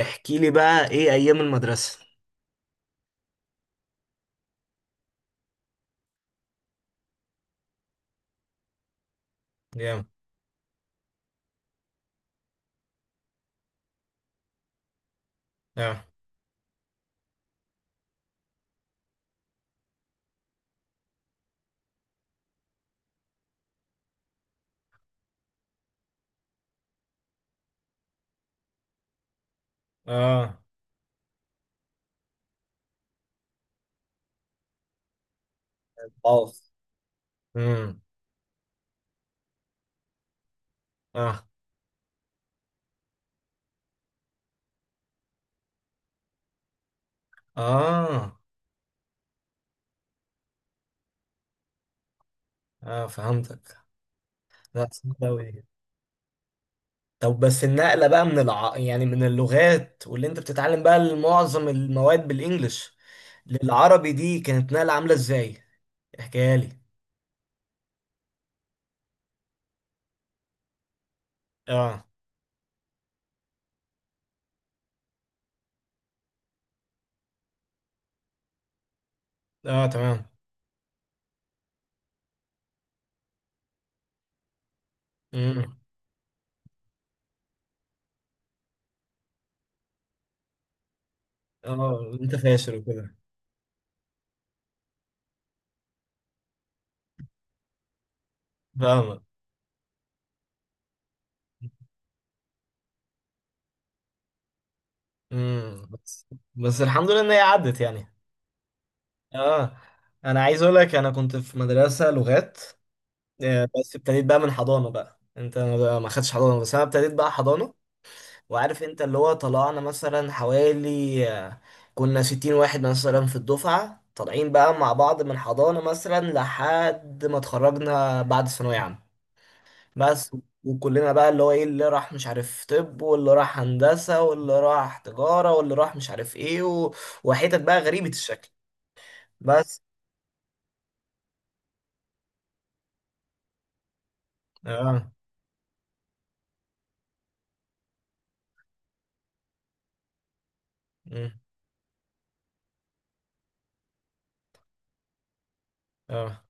احكي لي بقى، ايه ايام المدرسة؟ جامد. اه. اه. اه. امم. اه. اه. اه فهمتك. لا، صعب أوي. طب بس النقلة بقى يعني من اللغات واللي انت بتتعلم بقى معظم المواد بالانجلش للعربي، دي كانت نقلة عاملة ازاي؟ احكيها لي. اه. اه تمام. امم. اه. انت فاشل وكده. فاهمك. بس. بس الحمد لله ان هي عدت يعني. اه. انا عايز اقول لك، انا كنت في مدرسة لغات، بس ابتديت بقى من حضانة بقى. انت ما خدتش حضانة، بس انا ابتديت بقى حضانة. وعارف انت، اللي هو طلعنا مثلا حوالي، كنا 60 واحد مثلا في الدفعة، طالعين بقى مع بعض من حضانة مثلا لحد ما اتخرجنا بعد ثانوية عامة. بس. وكلنا بقى اللي هو ايه، اللي راح مش عارف، طب واللي راح هندسة، واللي راح تجارة، واللي راح مش عارف ايه وحتت بقى غريبة الشكل. بس. اه. مم. اه،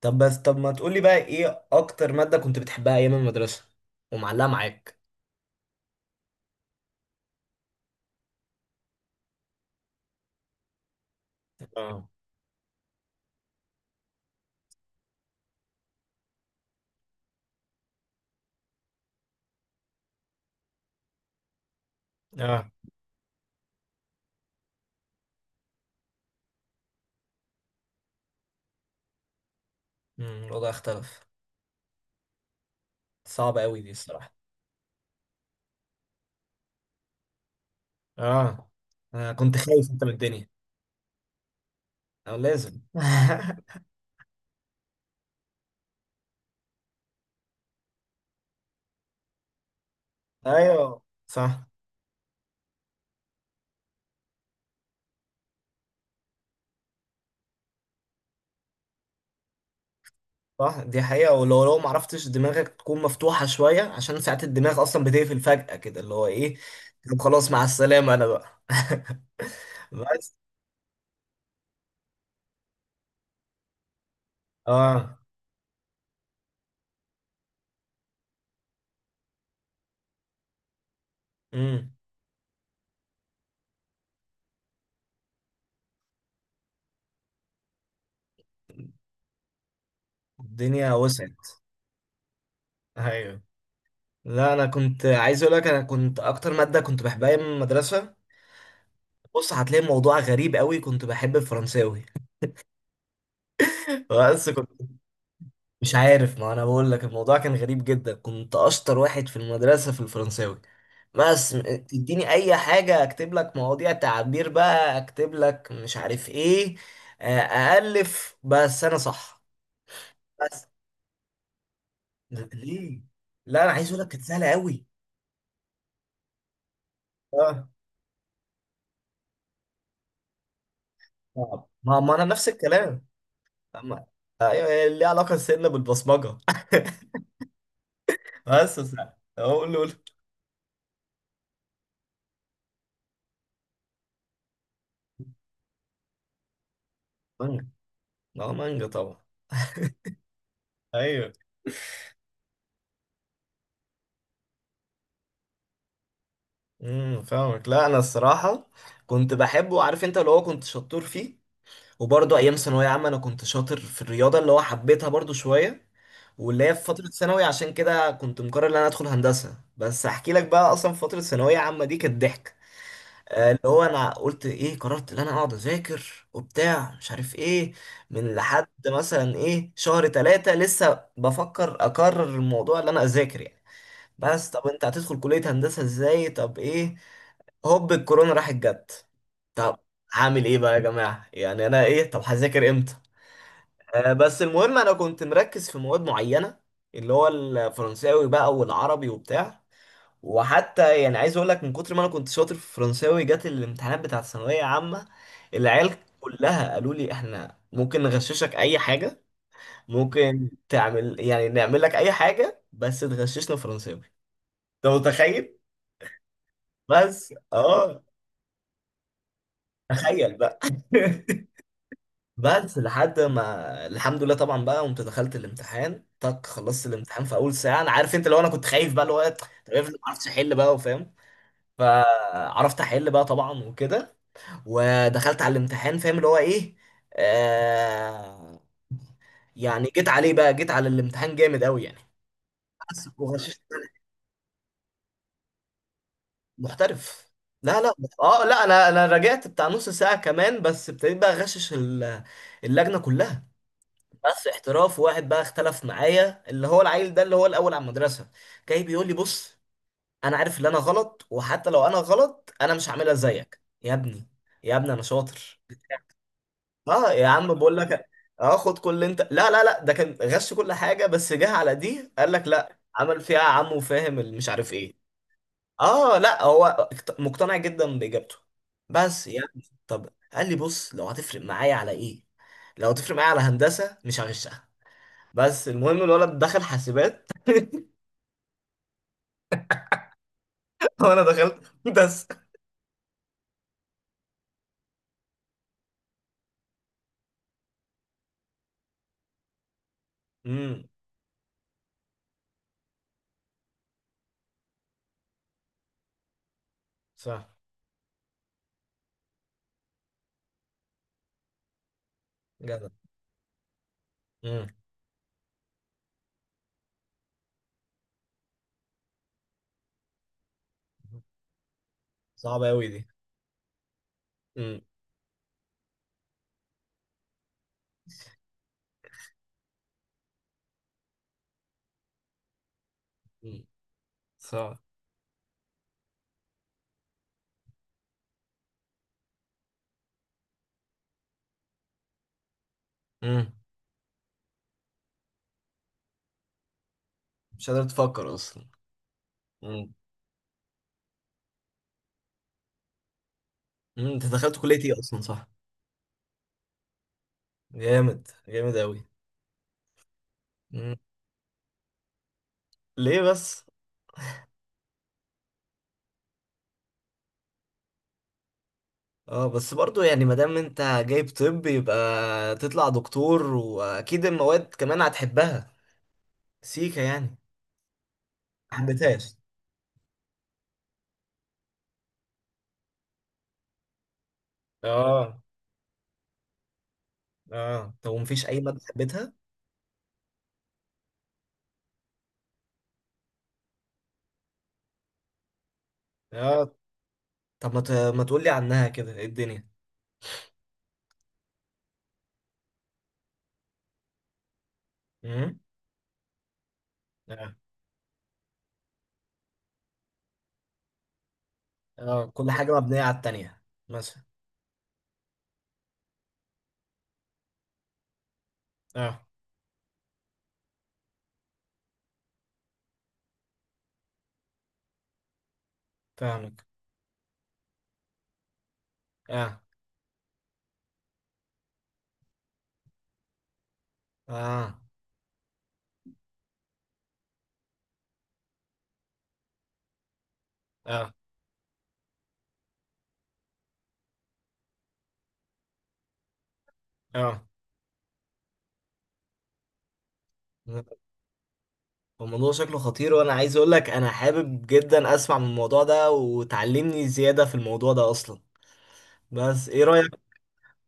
طب بس ما تقولي بقى، ايه اكتر مادة كنت بتحبها ايام المدرسة ومعلقة معاك؟ اه. اه. الوضع اختلف. صعب قوي دي الصراحة. اه، انا كنت خايف انت من الدنيا. او لازم ايوه صح. صح، دي حقيقة. ولو لو ما عرفتش دماغك تكون مفتوحة شوية، عشان ساعات الدماغ اصلا بتقفل فجأة كده، اللي هو ايه. طب خلاص، مع السلامة انا بقى بس. اه. امم الدنيا وسعت. ايوه. لا انا كنت عايز اقول لك، انا كنت اكتر ماده كنت بحبها ايام المدرسه، بص هتلاقي الموضوع غريب قوي، كنت بحب الفرنساوي بس كنت، مش عارف. ما انا بقول لك الموضوع كان غريب جدا، كنت اشطر واحد في المدرسه في الفرنساوي. بس م- تديني اي حاجه، اكتب لك مواضيع تعبير بقى، اكتب لك مش عارف ايه، الف، بس انا صح. بس ليه؟ لا انا عايز اقول لك، كانت سهله قوي. اه. ما انا نفس الكلام. أما. أيوه، هي ليها علاقة سنة بالبصمجة. بس بس- أهو قول له، قول له. مانجا. ما هو مانجا طبعا. أيوه. فاهمك. لا أنا الصراحة كنت بحبه. عارف أنت، اللي هو كنت شطور فيه. وبرضه أيام ثانوية عامة أنا كنت شاطر في الرياضة، اللي هو حبيتها برضه شوية، واللي هي في فترة ثانوي، عشان كده كنت مقرر إن أنا أدخل هندسة. بس أحكي لك بقى، أصلا في فترة ثانوية عامة دي كانت ضحك. اللي هو انا قلت ايه، قررت ان انا اقعد اذاكر وبتاع مش عارف ايه، من لحد مثلا ايه، شهر ثلاثة، لسه بفكر اقرر الموضوع اللي انا اذاكر يعني. بس طب انت هتدخل كلية هندسة ازاي، طب ايه. هوب الكورونا راحت جت. طب هعمل ايه بقى يا جماعة، يعني انا ايه، طب هذاكر امتى. بس المهم، انا كنت مركز في مواد معينة، اللي هو الفرنساوي بقى والعربي وبتاع. وحتى يعني عايز اقول لك، من كتر ما انا كنت شاطر في الفرنساوي، جت الامتحانات بتاعت الثانويه عامه، العيال كلها قالوا لي احنا ممكن نغششك اي حاجه، ممكن تعمل يعني، نعمل لك اي حاجه بس تغششنا فرنساوي. انت متخيل؟ بس اه، تخيل بقى بس لحد ما الحمد لله طبعا بقى، قمت دخلت الامتحان، تك خلصت الامتحان في اول ساعه. انا عارف انت، لو انا كنت خايف بقى، اللي هو طب افرض ما عرفتش احل بقى، وفاهم. فعرفت احل بقى طبعا وكده. ودخلت على الامتحان فاهم اللي هو ايه، آه يعني جيت عليه بقى، جيت على الامتحان جامد قوي يعني. بس وغششت. محترف. لا لا. اه لا، انا رجعت بتاع نص ساعة كمان، بس ابتديت بقى اغشش اللجنة كلها. بس احتراف، واحد بقى اختلف معايا، اللي هو العيل ده اللي هو الاول على المدرسة، جاي بيقول لي بص، انا عارف ان انا غلط، وحتى لو انا غلط انا مش هعملها زيك يا ابني. يا ابني انا شاطر. اه يا عم بقول لك، اه خد كل اللي انت، لا لا لا، ده كان غش كل حاجه، بس جه على دي قال لك لا، عمل فيها عمه فاهم، اللي مش عارف ايه. اه لا هو، مقتنع جدا باجابته. بس يعني طب قال لي بص، لو هتفرق معايا على ايه، لو هتفرق معايا على هندسه مش هغشها. بس المهم، الولد دخل حاسبات وانا دخلت هندسه. امم. صح. جدع. امم. صعبه قوي دي. امم. امم، صعب. امم. مش قادر تفكر اصلا. امم. مم، انت دخلت كلية ايه اصلا، صح؟ جامد جامد أوي. مم. ليه بس؟ اه بس برضو يعني، ما دام انت جايب طب، يبقى تطلع دكتور، واكيد المواد كمان هتحبها، سيكا يعني. ما حبيتهاش؟ اه. اه طب، ومفيش اي مادة حبيتها؟ اه طب ما تقولي عنها كده، ايه الدنيا. امم. اه. اه، كل حاجة مبنية على التانية مثلا. اه فاهمك. اه. اه. اه. اه الموضوع شكله خطير، وانا عايز اقول لك، انا حابب جدا اسمع من الموضوع ده، وتعلمني زيادة في الموضوع ده اصلا. بس ايه رأيك؟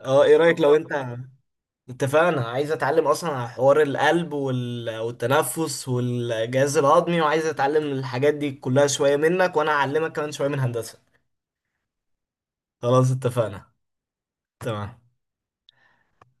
اه ايه رأيك، لو والله انت اتفقنا، عايز اتعلم اصلا على حوار القلب والتنفس والجهاز الهضمي، وعايز اتعلم الحاجات دي كلها شوية منك، وانا اعلمك كمان شوية من هندسة. خلاص اتفقنا. تمام.